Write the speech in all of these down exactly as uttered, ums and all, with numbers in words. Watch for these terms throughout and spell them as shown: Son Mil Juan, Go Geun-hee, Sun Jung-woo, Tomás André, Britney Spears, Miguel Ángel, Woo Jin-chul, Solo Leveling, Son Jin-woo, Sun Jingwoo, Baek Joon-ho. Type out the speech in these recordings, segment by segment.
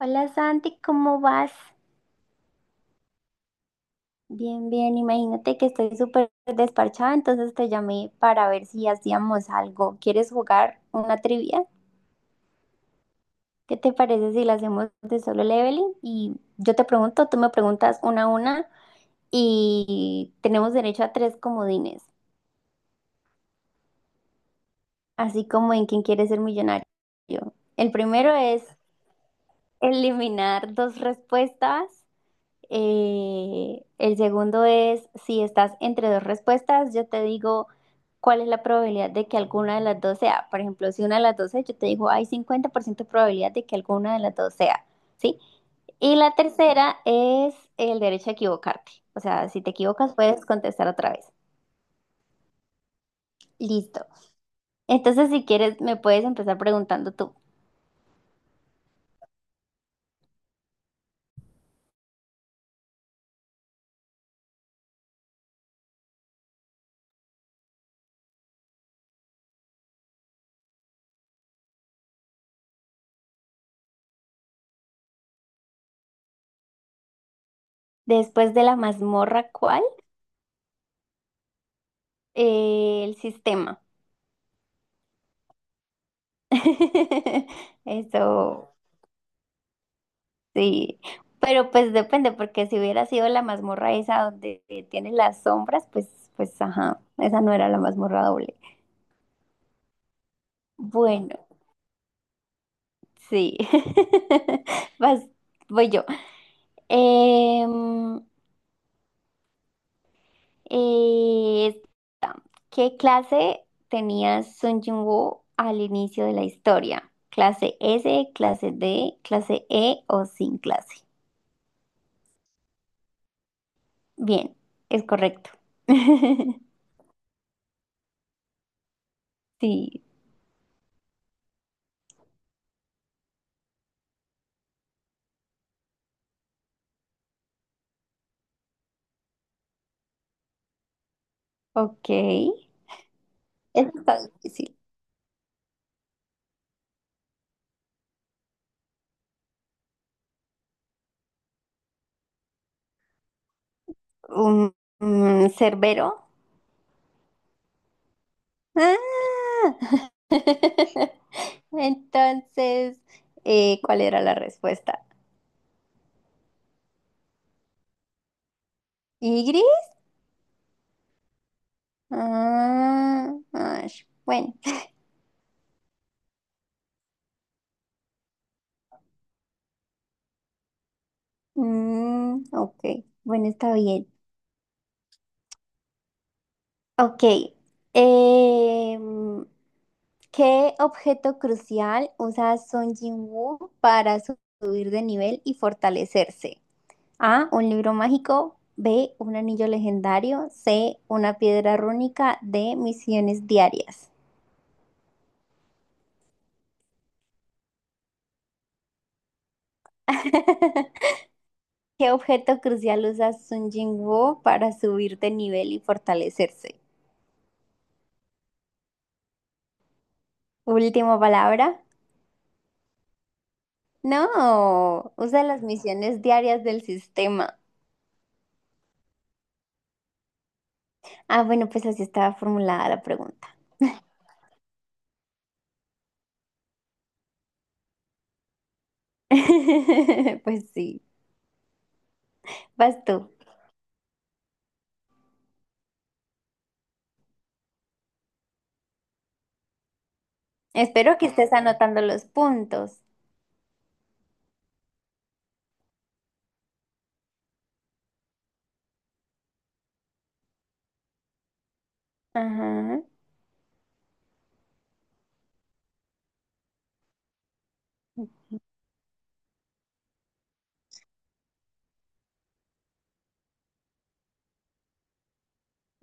Hola Santi, ¿cómo vas? Bien, bien, imagínate que estoy súper desparchada, entonces te llamé para ver si hacíamos algo. ¿Quieres jugar una trivia? ¿Qué te parece si la hacemos de solo leveling? Y yo te pregunto, tú me preguntas una a una y tenemos derecho a tres comodines, así como en quien quiere ser millonario. El primero es eliminar dos respuestas. Eh, el segundo es, si estás entre dos respuestas, yo te digo cuál es la probabilidad de que alguna de las dos sea. Por ejemplo, si una de las dos es, yo te digo, hay cincuenta por ciento de probabilidad de que alguna de las dos sea, ¿sí? Y la tercera es el derecho a equivocarte. O sea, si te equivocas, puedes contestar otra vez. Listo. Entonces, si quieres, me puedes empezar preguntando tú. Después de la mazmorra, ¿cuál? Eh, el sistema. Eso. Sí, pero pues depende, porque si hubiera sido la mazmorra esa donde eh, tiene las sombras, pues, pues ajá, esa no era la mazmorra doble. Bueno, sí. Vas, voy yo. Em, eh, ¿qué clase tenía Sun Jung-woo al inicio de la historia? ¿Clase S, clase D, clase E o sin clase? Bien, es correcto. Sí, ok. Eso está difícil. Un, un cerbero. Ah. Entonces, eh, ¿cuál era la respuesta? ¿Y? Ah, ash, bueno. Mm, ok, bueno, está bien. Ok. Em, ¿qué objeto crucial usa Son Jin-woo para su- subir de nivel y fortalecerse? A, un libro mágico. B, un anillo legendario. C, una piedra rúnica. D, misiones diarias. ¿Qué objeto crucial usa Sun Jingwoo para subir de nivel y fortalecerse? Última palabra. No, usa las misiones diarias del sistema. Ah, bueno, pues así estaba formulada la pregunta. Pues sí, vas tú. Espero que estés anotando los puntos. Ajá.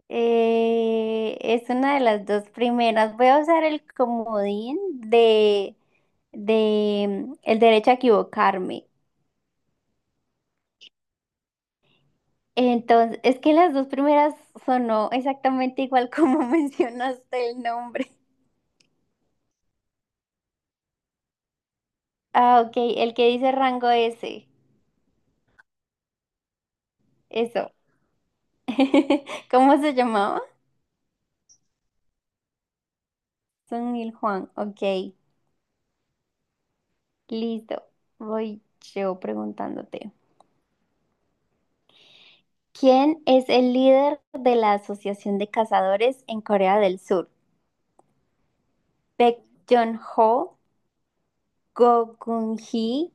Eh, es una de las dos primeras. Voy a usar el comodín de, de mm, el derecho a equivocarme. Entonces, es que las dos primeras sonó exactamente igual como mencionaste el nombre. Ah, ok, el que dice rango S. Eso. ¿Cómo se llamaba? Son Mil Juan. Ok, listo. Voy yo preguntándote. ¿Quién es el líder de la Asociación de Cazadores en Corea del Sur? Baek Joon-ho, Go Geun-hee,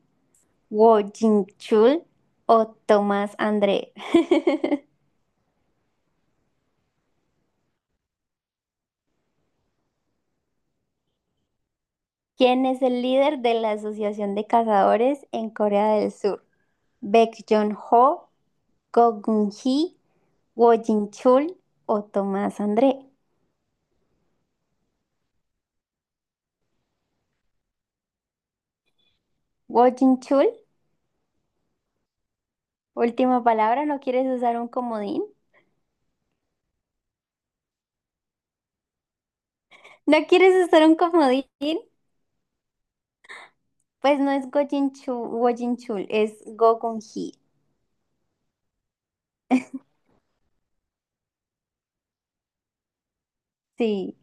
Woo Jin-chul o Tomás André. ¿Quién es el líder de la Asociación de Cazadores en Corea del Sur? Baek Joon-ho, Go Geun-hee, Woo Jin-chul o Tomás André. Woo Jin-chul, última palabra, ¿no quieres usar un comodín? ¿No quieres usar un comodín? Pues no es Go Jin-chul, Woo Jin-chul, es Go Geun-hee. Sí.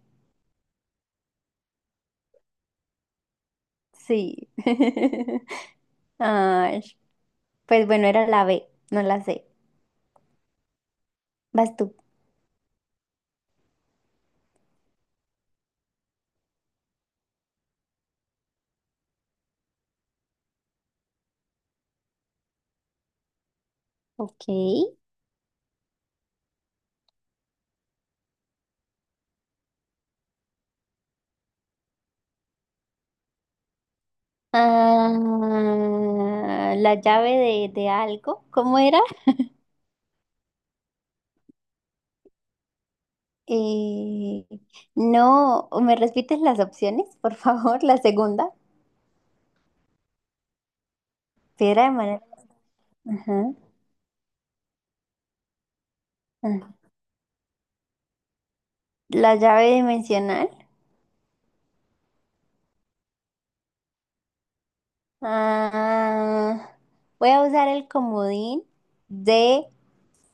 Sí. Ay, pues bueno, era la B, no la C. Vas tú. Ok. Ah, la llave de, de algo, ¿cómo era? Eh, no, ¿me repites las opciones, por favor? La segunda. Piedra de manera. Ajá, ajá. La llave dimensional. Ah, voy a usar el comodín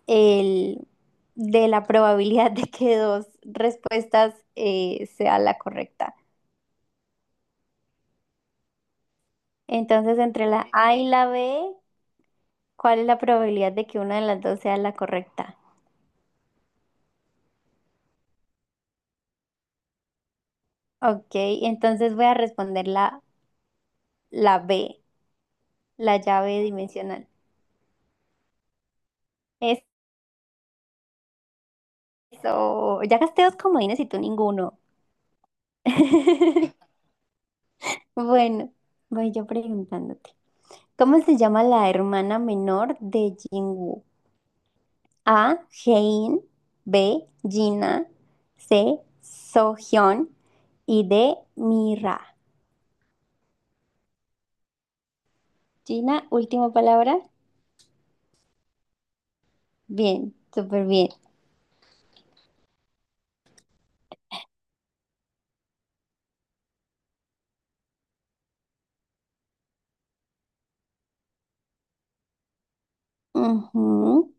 el, de la probabilidad de que dos respuestas eh, sea la correcta. Entonces, entre la A y la B, ¿cuál es la probabilidad de que una de las dos sea la correcta? Ok, entonces voy a responder la, la B, la llave dimensional. Eso, ya gasté dos comodines y tú ninguno. Bueno, voy yo preguntándote. ¿Cómo se llama la hermana menor de Jinwoo? A. Hein, B. Gina, C. Sohyun y D. Mira. Gina, última palabra. Bien, súper bien. Ujú.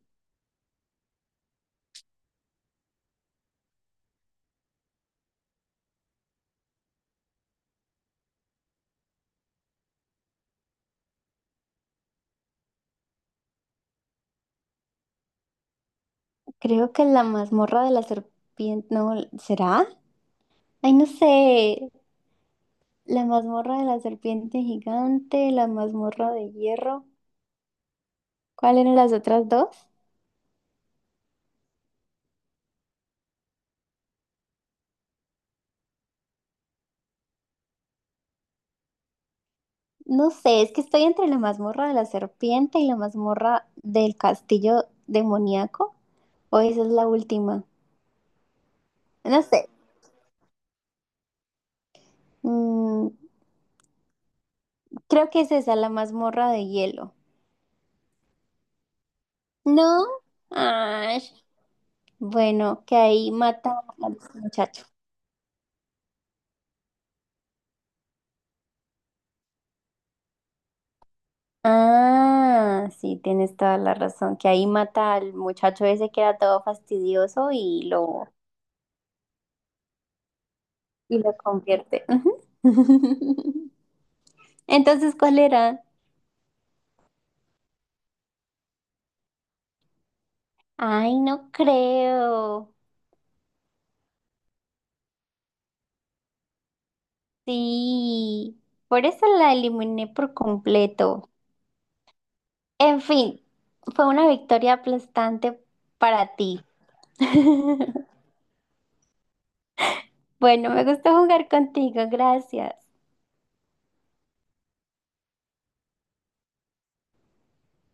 Creo que la mazmorra de la serpiente, no, ¿será? Ay, no sé. La mazmorra de la serpiente gigante, la mazmorra de hierro. ¿Cuáles eran las otras dos? No sé, es que estoy entre la mazmorra de la serpiente y la mazmorra del castillo demoníaco. O esa es la última. No sé. Mm, creo que es esa, la mazmorra de hielo. ¿No? Ay, bueno, que ahí mata al muchacho. Ah, sí, tienes toda la razón. Que ahí mata al muchacho ese que era todo fastidioso y lo, y lo convierte. Ujú. Entonces, ¿cuál era? Ay, no creo. Sí. Por eso la eliminé por completo. En fin, fue una victoria aplastante para ti. Bueno, me gustó jugar contigo, gracias.